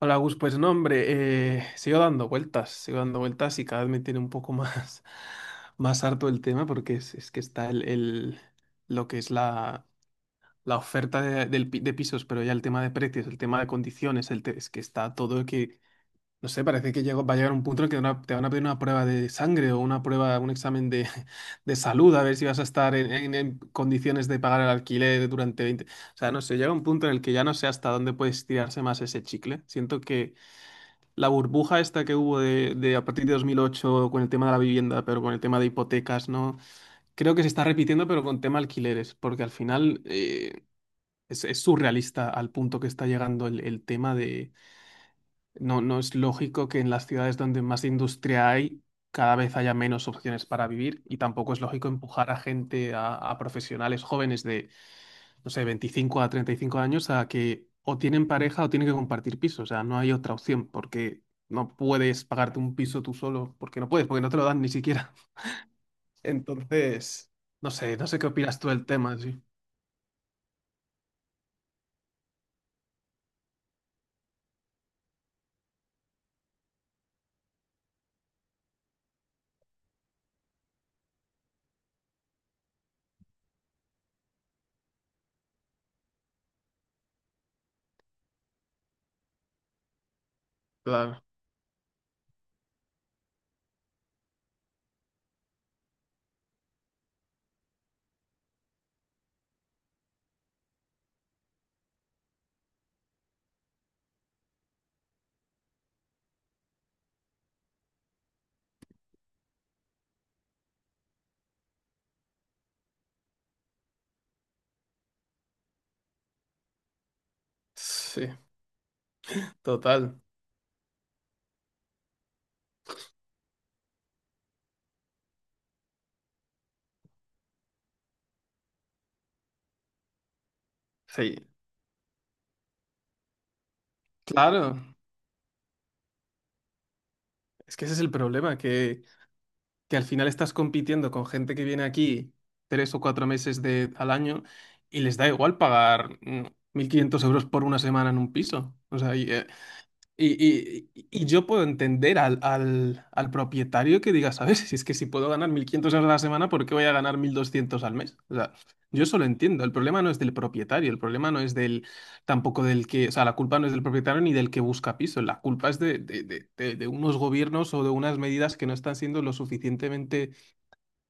Hola Gus, pues no, hombre, sigo dando vueltas y cada vez me tiene un poco más, más harto el tema porque es que está lo que es la oferta de pisos, pero ya el tema de precios, el tema de condiciones, es que está todo que, no sé, parece que va a llegar un punto en el que te van a pedir una prueba de sangre o un examen de, de salud, a ver si vas a estar en condiciones de pagar el alquiler durante veinte. O sea, no sé, llega un punto en el que ya no sé hasta dónde puedes tirarse más ese chicle. Siento que la burbuja esta que hubo de a partir de 2008 con el tema de la vivienda, pero con el tema de hipotecas, ¿no? Creo que se está repitiendo, pero con tema alquileres, porque al final es surrealista al punto que está llegando el tema de... No, no es lógico que en las ciudades donde más industria hay, cada vez haya menos opciones para vivir y tampoco es lógico empujar a gente, a profesionales jóvenes de no sé, 25 a 35 años a que o tienen pareja o tienen que compartir piso. O sea, no hay otra opción porque no puedes pagarte un piso tú solo, porque no puedes, porque no te lo dan ni siquiera. Entonces, no sé qué opinas tú del tema, sí. Claro. Sí, total. Sí. Claro. Es que ese es el problema, que al final estás compitiendo con gente que viene aquí tres o cuatro meses al año y les da igual pagar 1.500 euros por una semana en un piso. O sea, y yo puedo entender al propietario que diga, ¿sabes? Si es que si puedo ganar 1.500 euros a la semana, ¿por qué voy a ganar 1.200 al mes? O sea, yo eso lo entiendo. El problema no es del propietario, el problema no es del, tampoco del que, o sea, la culpa no es del propietario ni del que busca piso, la culpa es de unos gobiernos o de unas medidas que no están siendo lo suficientemente,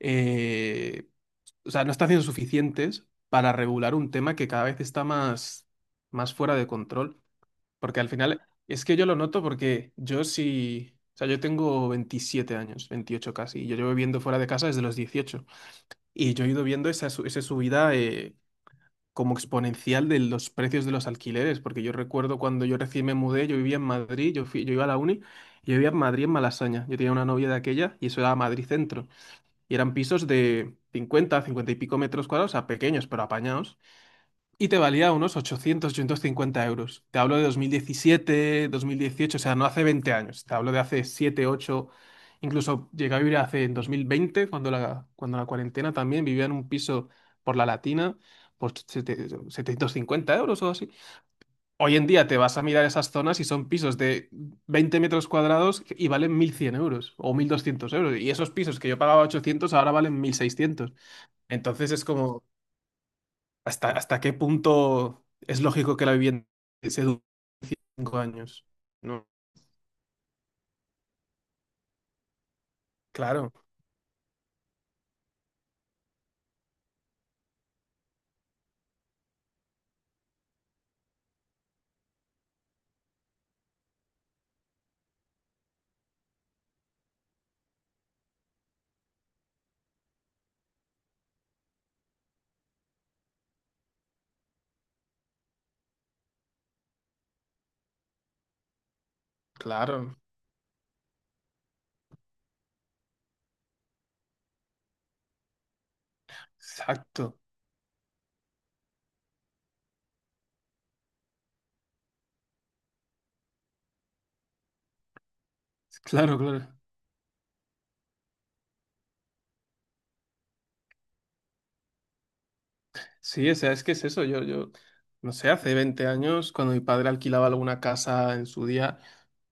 eh, o sea, no están siendo suficientes para regular un tema que cada vez está más fuera de control. Porque al final, es que yo lo noto porque yo sí, o sea, yo tengo 27 años, 28 casi, y yo llevo viviendo fuera de casa desde los 18. Y yo he ido viendo esa subida como exponencial de los precios de los alquileres, porque yo recuerdo cuando yo recién me mudé, yo vivía en Madrid, yo iba a la uni, yo vivía en Madrid, en Malasaña. Yo tenía una novia de aquella y eso era Madrid Centro. Y eran pisos de 50 y pico metros cuadrados, o sea, pequeños, pero apañados. Y te valía unos 800 50 euros. Te hablo de 2017 2018, o sea, no hace 20 años. Te hablo de hace 7 ocho. Incluso llegué a vivir hace en 2020 cuando la cuarentena también vivía en un piso por la Latina por 750 euros o así. Hoy en día te vas a mirar esas zonas y son pisos de 20 metros cuadrados y valen 1.100 euros o 1.200 euros. Y esos pisos que yo pagaba 800 ahora valen 1.600. Entonces es como hasta qué punto es lógico que la vivienda se dure 5 años. No, claro, claro, exacto, claro, claro. Sí, o sea, es que es eso. No sé, hace 20 años, cuando mi padre alquilaba alguna casa en su día,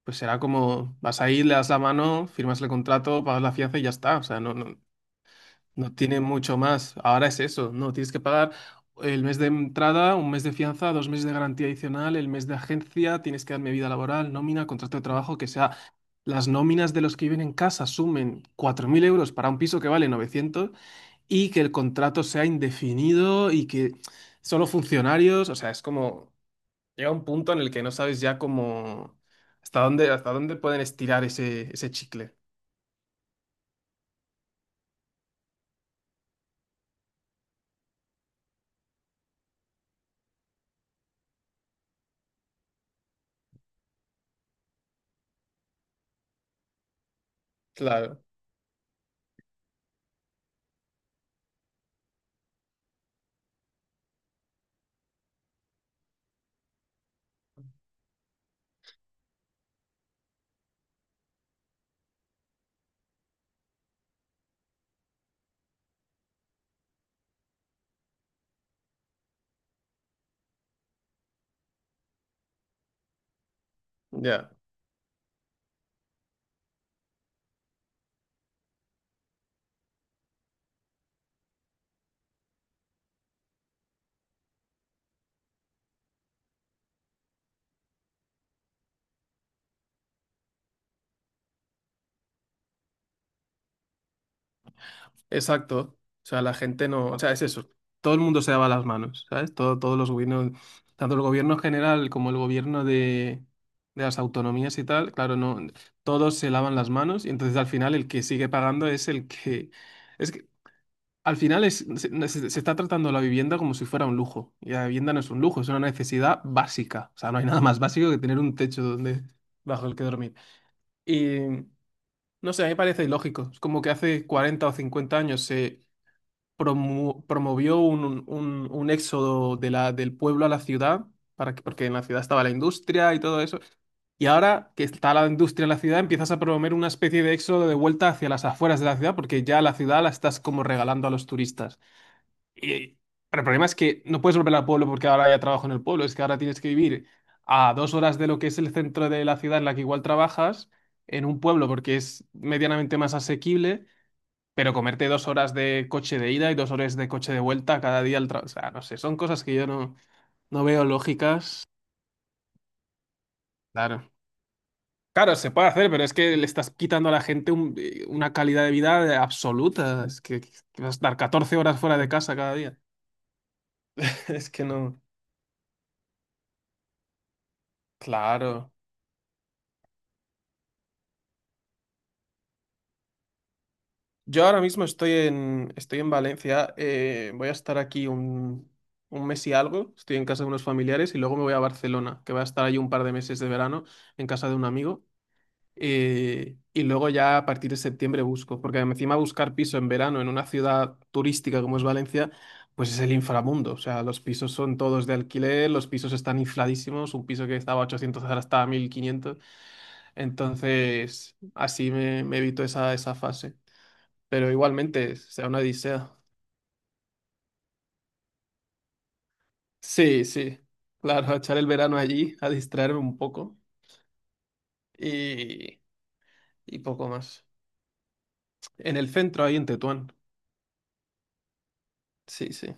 pues era como, vas ahí, le das la mano, firmas el contrato, pagas la fianza y ya está. O sea, no, no. No tiene mucho más. Ahora es eso. No, tienes que pagar el mes de entrada, un mes de fianza, 2 meses de garantía adicional, el mes de agencia, tienes que darme vida laboral, nómina, contrato de trabajo, que sea. Las nóminas de los que viven en casa sumen 4.000 euros para un piso que vale 900 y que el contrato sea indefinido y que solo funcionarios, o sea, es como, llega un punto en el que no sabes ya cómo, hasta dónde pueden estirar ese chicle. Claro, ya. Exacto. O sea, la gente no, o sea, es eso. Todo el mundo se lava las manos, ¿sabes? Todos los gobiernos, tanto el gobierno general como el gobierno de las autonomías y tal, claro, no, todos se lavan las manos y entonces al final el que sigue pagando es es que al final es, se, no, se- se está tratando la vivienda como si fuera un lujo y la vivienda no es un lujo, es una necesidad básica. O sea, no hay nada más básico que tener un techo bajo el que dormir. Y no sé, a mí me parece ilógico. Es como que hace 40 o 50 años se promovió un éxodo del pueblo a la ciudad, porque en la ciudad estaba la industria y todo eso. Y ahora que está la industria en la ciudad, empiezas a promover una especie de éxodo de vuelta hacia las afueras de la ciudad, porque ya la ciudad la estás como regalando a los turistas. Y, pero el problema es que no puedes volver al pueblo porque ahora ya trabajo en el pueblo, es que ahora tienes que vivir a 2 horas de lo que es el centro de la ciudad en la que igual trabajas, en un pueblo porque es medianamente más asequible, pero comerte 2 horas de coche de ida y 2 horas de coche de vuelta cada día al trabajo. O sea, no sé, son cosas que yo no veo lógicas. Claro. Claro, se puede hacer, pero es que le estás quitando a la gente una calidad de vida absoluta. Es que vas a estar 14 horas fuera de casa cada día. Es que no. Claro. Yo ahora mismo estoy en Valencia. Voy a estar aquí un mes y algo. Estoy en casa de unos familiares y luego me voy a Barcelona, que voy a estar allí un par de meses de verano en casa de un amigo. Y luego ya a partir de septiembre busco, porque encima buscar piso en verano en una ciudad turística como es Valencia, pues es el inframundo. O sea, los pisos son todos de alquiler, los pisos están infladísimos, un piso que estaba a 800 ahora está a 1.500. Entonces, así me evito esa fase. Pero igualmente, sea una odisea. Sí, sí, claro, a echar el verano allí, a distraerme un poco y, y poco más. En el centro, ahí en Tetuán. Sí, sí.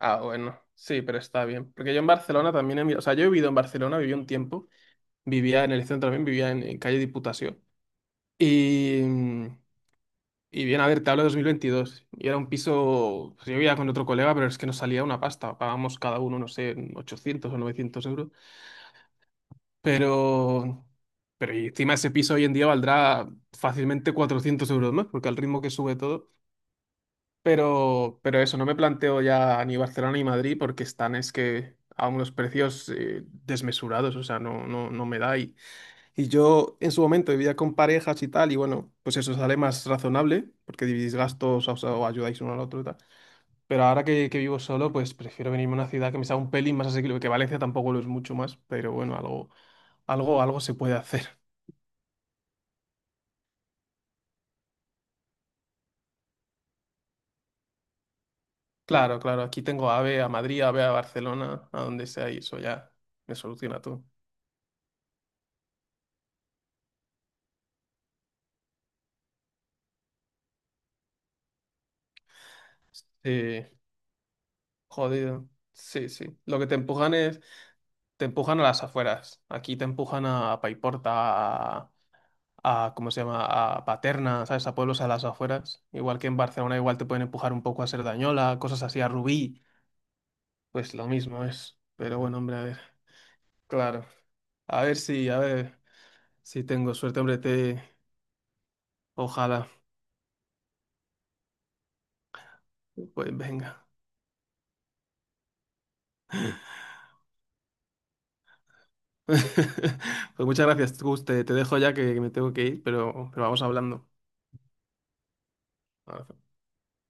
Ah, bueno, sí, pero está bien. Porque yo en Barcelona también he vivido, o sea, yo he vivido en Barcelona, viví un tiempo, vivía en el centro también, vivía en calle Diputación. Y, mm, y bien, a ver, te hablo de 2022. Y era un piso, pues yo vivía con otro colega, pero es que nos salía una pasta. Pagábamos cada uno, no sé, 800 o 900 euros. Pero, pero y encima ese piso hoy en día valdrá fácilmente 400 euros más, porque al ritmo que sube todo. Pero eso, no me planteo ya ni Barcelona ni Madrid porque están es que a unos precios desmesurados, o sea, no, no, no me da. Y yo en su momento vivía con parejas y tal, y bueno, pues eso sale más razonable porque dividís gastos o, sea, o ayudáis uno al otro y tal. Pero ahora que vivo solo, pues prefiero venirme a una ciudad que me sea un pelín más asequible, que Valencia tampoco lo es mucho más, pero bueno, algo se puede hacer. Claro, claro, aquí tengo AVE a Madrid, AVE a Barcelona, a donde sea, y eso ya me soluciona todo. Sí. Jodido. Sí, sí. Lo que te empujan te empujan a las afueras. Aquí te empujan a Paiporta, a, ¿cómo se llama? A Paterna, ¿sabes? A pueblos a las afueras. Igual que en Barcelona, igual te pueden empujar un poco a Cerdañola, cosas así, a Rubí. Pues lo mismo es. Pero bueno, hombre, a ver. Claro. a ver si, tengo suerte, hombre, te... Ojalá. Pues venga. Pues muchas gracias, Gus. Te dejo ya que me tengo que ir, pero vamos hablando.